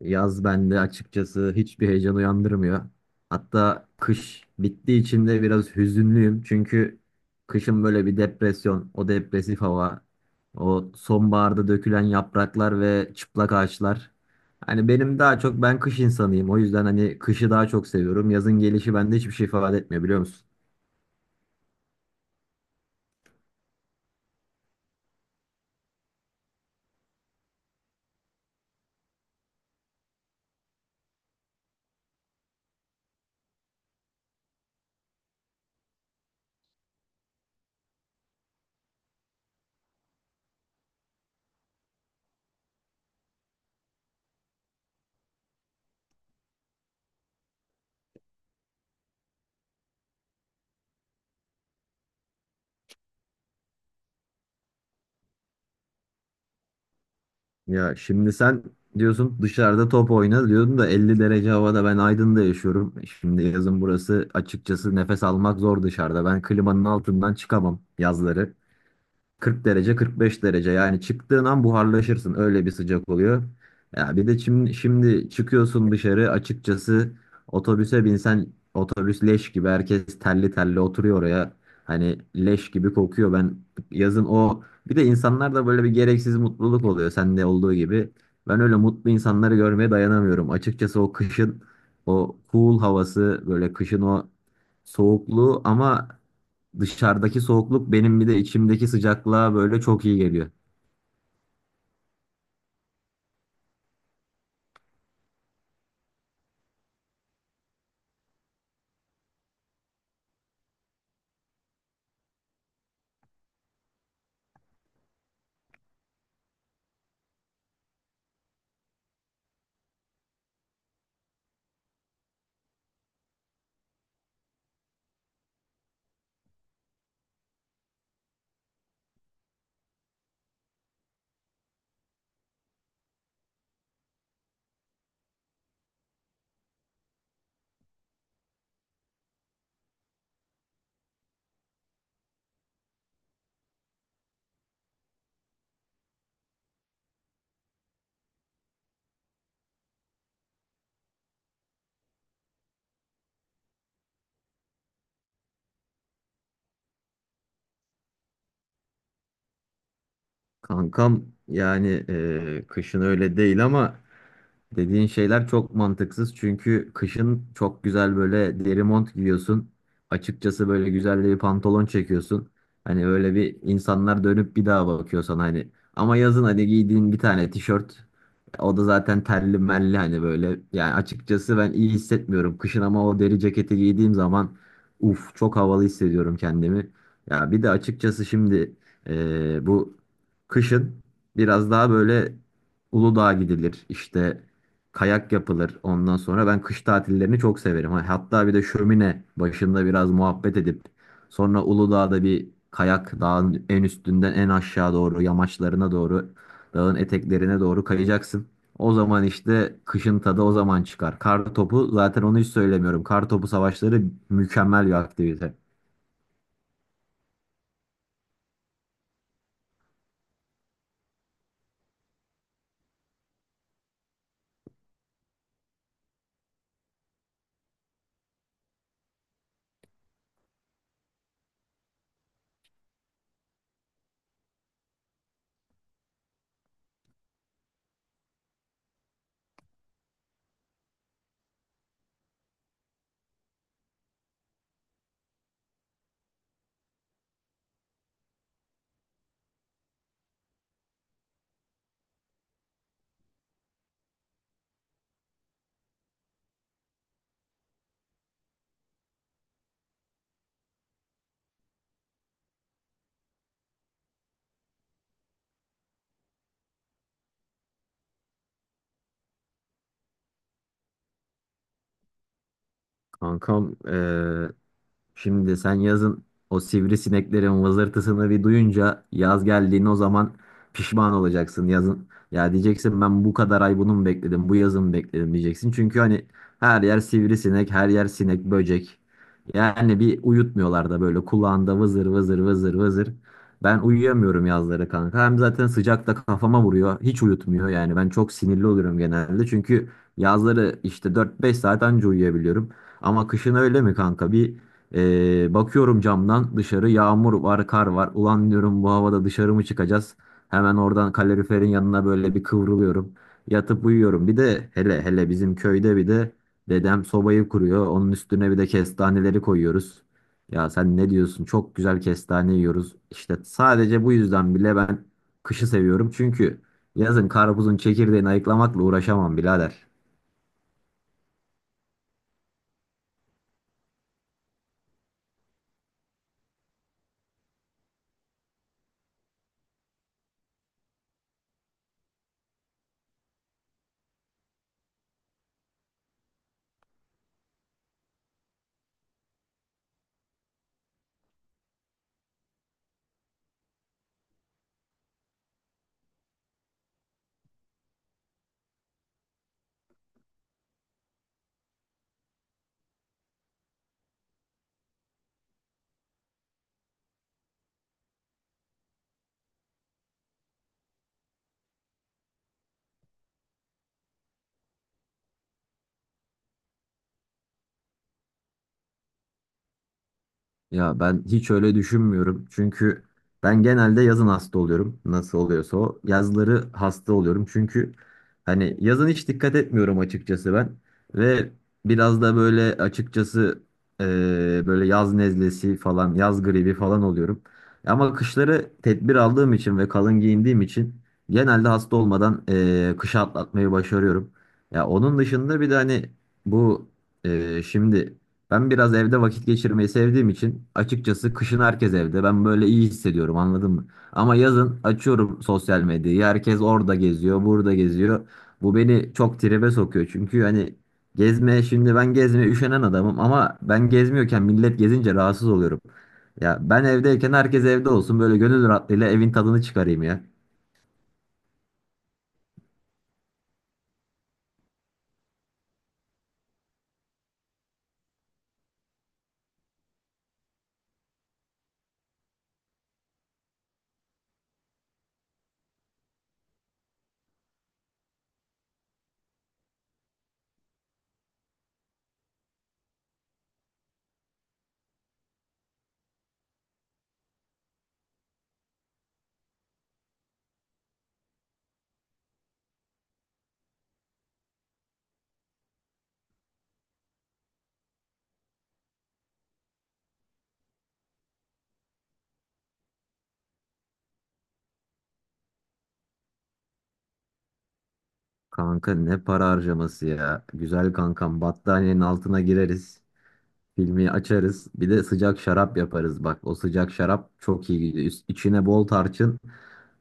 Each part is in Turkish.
Yaz bende açıkçası hiçbir heyecan uyandırmıyor. Hatta kış bittiği için de biraz hüzünlüyüm. Çünkü kışın böyle bir depresyon, o depresif hava, o sonbaharda dökülen yapraklar ve çıplak ağaçlar. Hani benim daha çok ben kış insanıyım. O yüzden hani kışı daha çok seviyorum. Yazın gelişi bende hiçbir şey ifade etmiyor, biliyor musun? Ya şimdi sen diyorsun dışarıda top oyna diyordun da 50 derece havada, ben Aydın'da yaşıyorum. Şimdi yazın burası açıkçası nefes almak zor dışarıda. Ben klimanın altından çıkamam yazları. 40 derece 45 derece, yani çıktığın an buharlaşırsın, öyle bir sıcak oluyor. Ya bir de şimdi çıkıyorsun dışarı. Açıkçası otobüse binsen otobüs leş gibi, herkes telli telli oturuyor oraya. Hani leş gibi kokuyor. Ben yazın o, bir de insanlar da böyle bir gereksiz mutluluk oluyor, sende olduğu gibi. Ben öyle mutlu insanları görmeye dayanamıyorum. Açıkçası o kışın o cool havası, böyle kışın o soğukluğu, ama dışarıdaki soğukluk benim bir de içimdeki sıcaklığa böyle çok iyi geliyor. Kankam, yani kışın öyle değil, ama dediğin şeyler çok mantıksız, çünkü kışın çok güzel böyle deri mont giyiyorsun. Açıkçası böyle güzel de bir pantolon çekiyorsun. Hani öyle bir, insanlar dönüp bir daha bakıyor sana hani. Ama yazın hani giydiğin bir tane tişört, o da zaten terli melli hani böyle. Yani açıkçası ben iyi hissetmiyorum kışın, ama o deri ceketi giydiğim zaman uf, çok havalı hissediyorum kendimi. Ya bir de açıkçası şimdi bu kışın biraz daha böyle Uludağ'a gidilir işte, kayak yapılır ondan sonra. Ben kış tatillerini çok severim. Ha, hatta bir de şömine başında biraz muhabbet edip sonra Uludağ'da bir kayak, dağın en üstünden en aşağı doğru, yamaçlarına doğru, dağın eteklerine doğru kayacaksın. O zaman işte kışın tadı o zaman çıkar. Kar topu, zaten onu hiç söylemiyorum. Kar topu savaşları mükemmel bir aktivite. Kankam şimdi sen yazın o sivrisineklerin vızırtısını bir duyunca, yaz geldiğini o zaman pişman olacaksın yazın. Ya diyeceksin, ben bu kadar ay bunu mu bekledim, bu yazı mı bekledim diyeceksin. Çünkü hani her yer sivrisinek, her yer sinek böcek. Yani bir uyutmuyorlar da, böyle kulağında vızır vızır vızır vızır. Ben uyuyamıyorum yazları kanka. Hem zaten sıcak da kafama vuruyor. Hiç uyutmuyor yani. Ben çok sinirli oluyorum genelde. Çünkü yazları işte 4-5 saat anca uyuyabiliyorum. Ama kışın öyle mi kanka? Bir, bakıyorum camdan dışarı, yağmur var, kar var. Ulan diyorum, bu havada dışarı mı çıkacağız? Hemen oradan kaloriferin yanına böyle bir kıvrılıyorum. Yatıp uyuyorum. Bir de hele hele bizim köyde bir de dedem sobayı kuruyor. Onun üstüne bir de kestaneleri koyuyoruz. Ya sen ne diyorsun? Çok güzel kestane yiyoruz. İşte sadece bu yüzden bile ben kışı seviyorum. Çünkü yazın karpuzun çekirdeğini ayıklamakla uğraşamam birader. Ya ben hiç öyle düşünmüyorum. Çünkü ben genelde yazın hasta oluyorum. Nasıl oluyorsa o. Yazları hasta oluyorum. Çünkü hani yazın hiç dikkat etmiyorum açıkçası ben. Ve biraz da böyle açıkçası eee, böyle yaz nezlesi falan, yaz gribi falan oluyorum. Ama kışları tedbir aldığım için ve kalın giyindiğim için genelde hasta olmadan kışı atlatmayı başarıyorum. Ya onun dışında bir de hani bu şimdi... Ben biraz evde vakit geçirmeyi sevdiğim için açıkçası, kışın herkes evde. Ben böyle iyi hissediyorum, anladın mı? Ama yazın açıyorum sosyal medyayı. Herkes orada geziyor, burada geziyor. Bu beni çok tribe sokuyor. Çünkü hani gezmeye üşenen adamım, ama ben gezmiyorken millet gezince rahatsız oluyorum. Ya ben evdeyken herkes evde olsun, böyle gönül rahatlığıyla evin tadını çıkarayım ya. Kanka, ne para harcaması ya. Güzel kankam, battaniyenin altına gireriz. Filmi açarız. Bir de sıcak şarap yaparız. Bak, o sıcak şarap çok iyi gidiyor. İçine bol tarçın.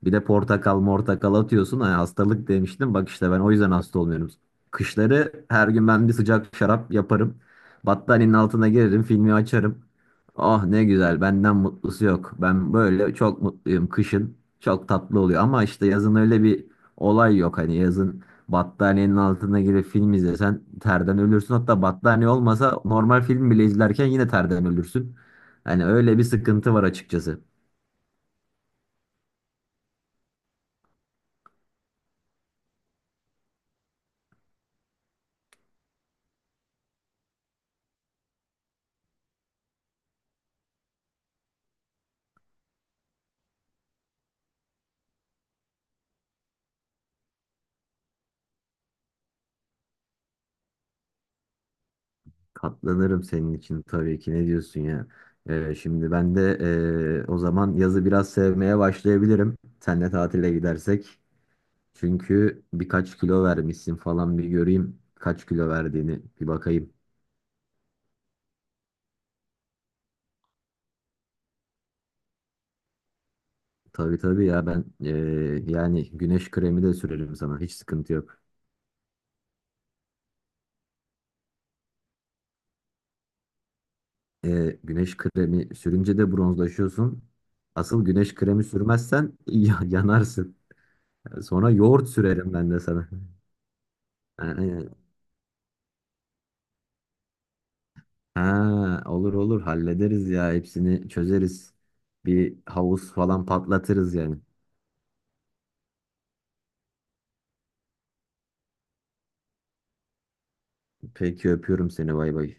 Bir de portakal mortakal atıyorsun. Hani hastalık demiştim. Bak, işte ben o yüzden hasta olmuyorum. Kışları her gün ben bir sıcak şarap yaparım. Battaniyenin altına girerim. Filmi açarım. Ah, ne güzel. Benden mutlusu yok. Ben böyle çok mutluyum kışın. Çok tatlı oluyor. Ama işte yazın öyle bir olay yok. Hani yazın battaniyenin altına girip film izlesen terden ölürsün. Hatta battaniye olmasa normal film bile izlerken yine terden ölürsün. Hani öyle bir sıkıntı var açıkçası. Katlanırım senin için tabii ki, ne diyorsun ya. Şimdi ben de o zaman yazı biraz sevmeye başlayabilirim. Senle tatile gidersek. Çünkü birkaç kilo vermişsin falan, bir göreyim. Kaç kilo verdiğini bir bakayım. Tabii tabii ya, ben yani güneş kremi de sürerim sana. Hiç sıkıntı yok. E, güneş kremi sürünce de bronzlaşıyorsun. Asıl güneş kremi sürmezsen yanarsın. Sonra yoğurt sürerim ben de sana. Yani, ha, olur olur hallederiz ya, hepsini çözeriz. Bir havuz falan patlatırız yani. Peki, öpüyorum seni, bay bay.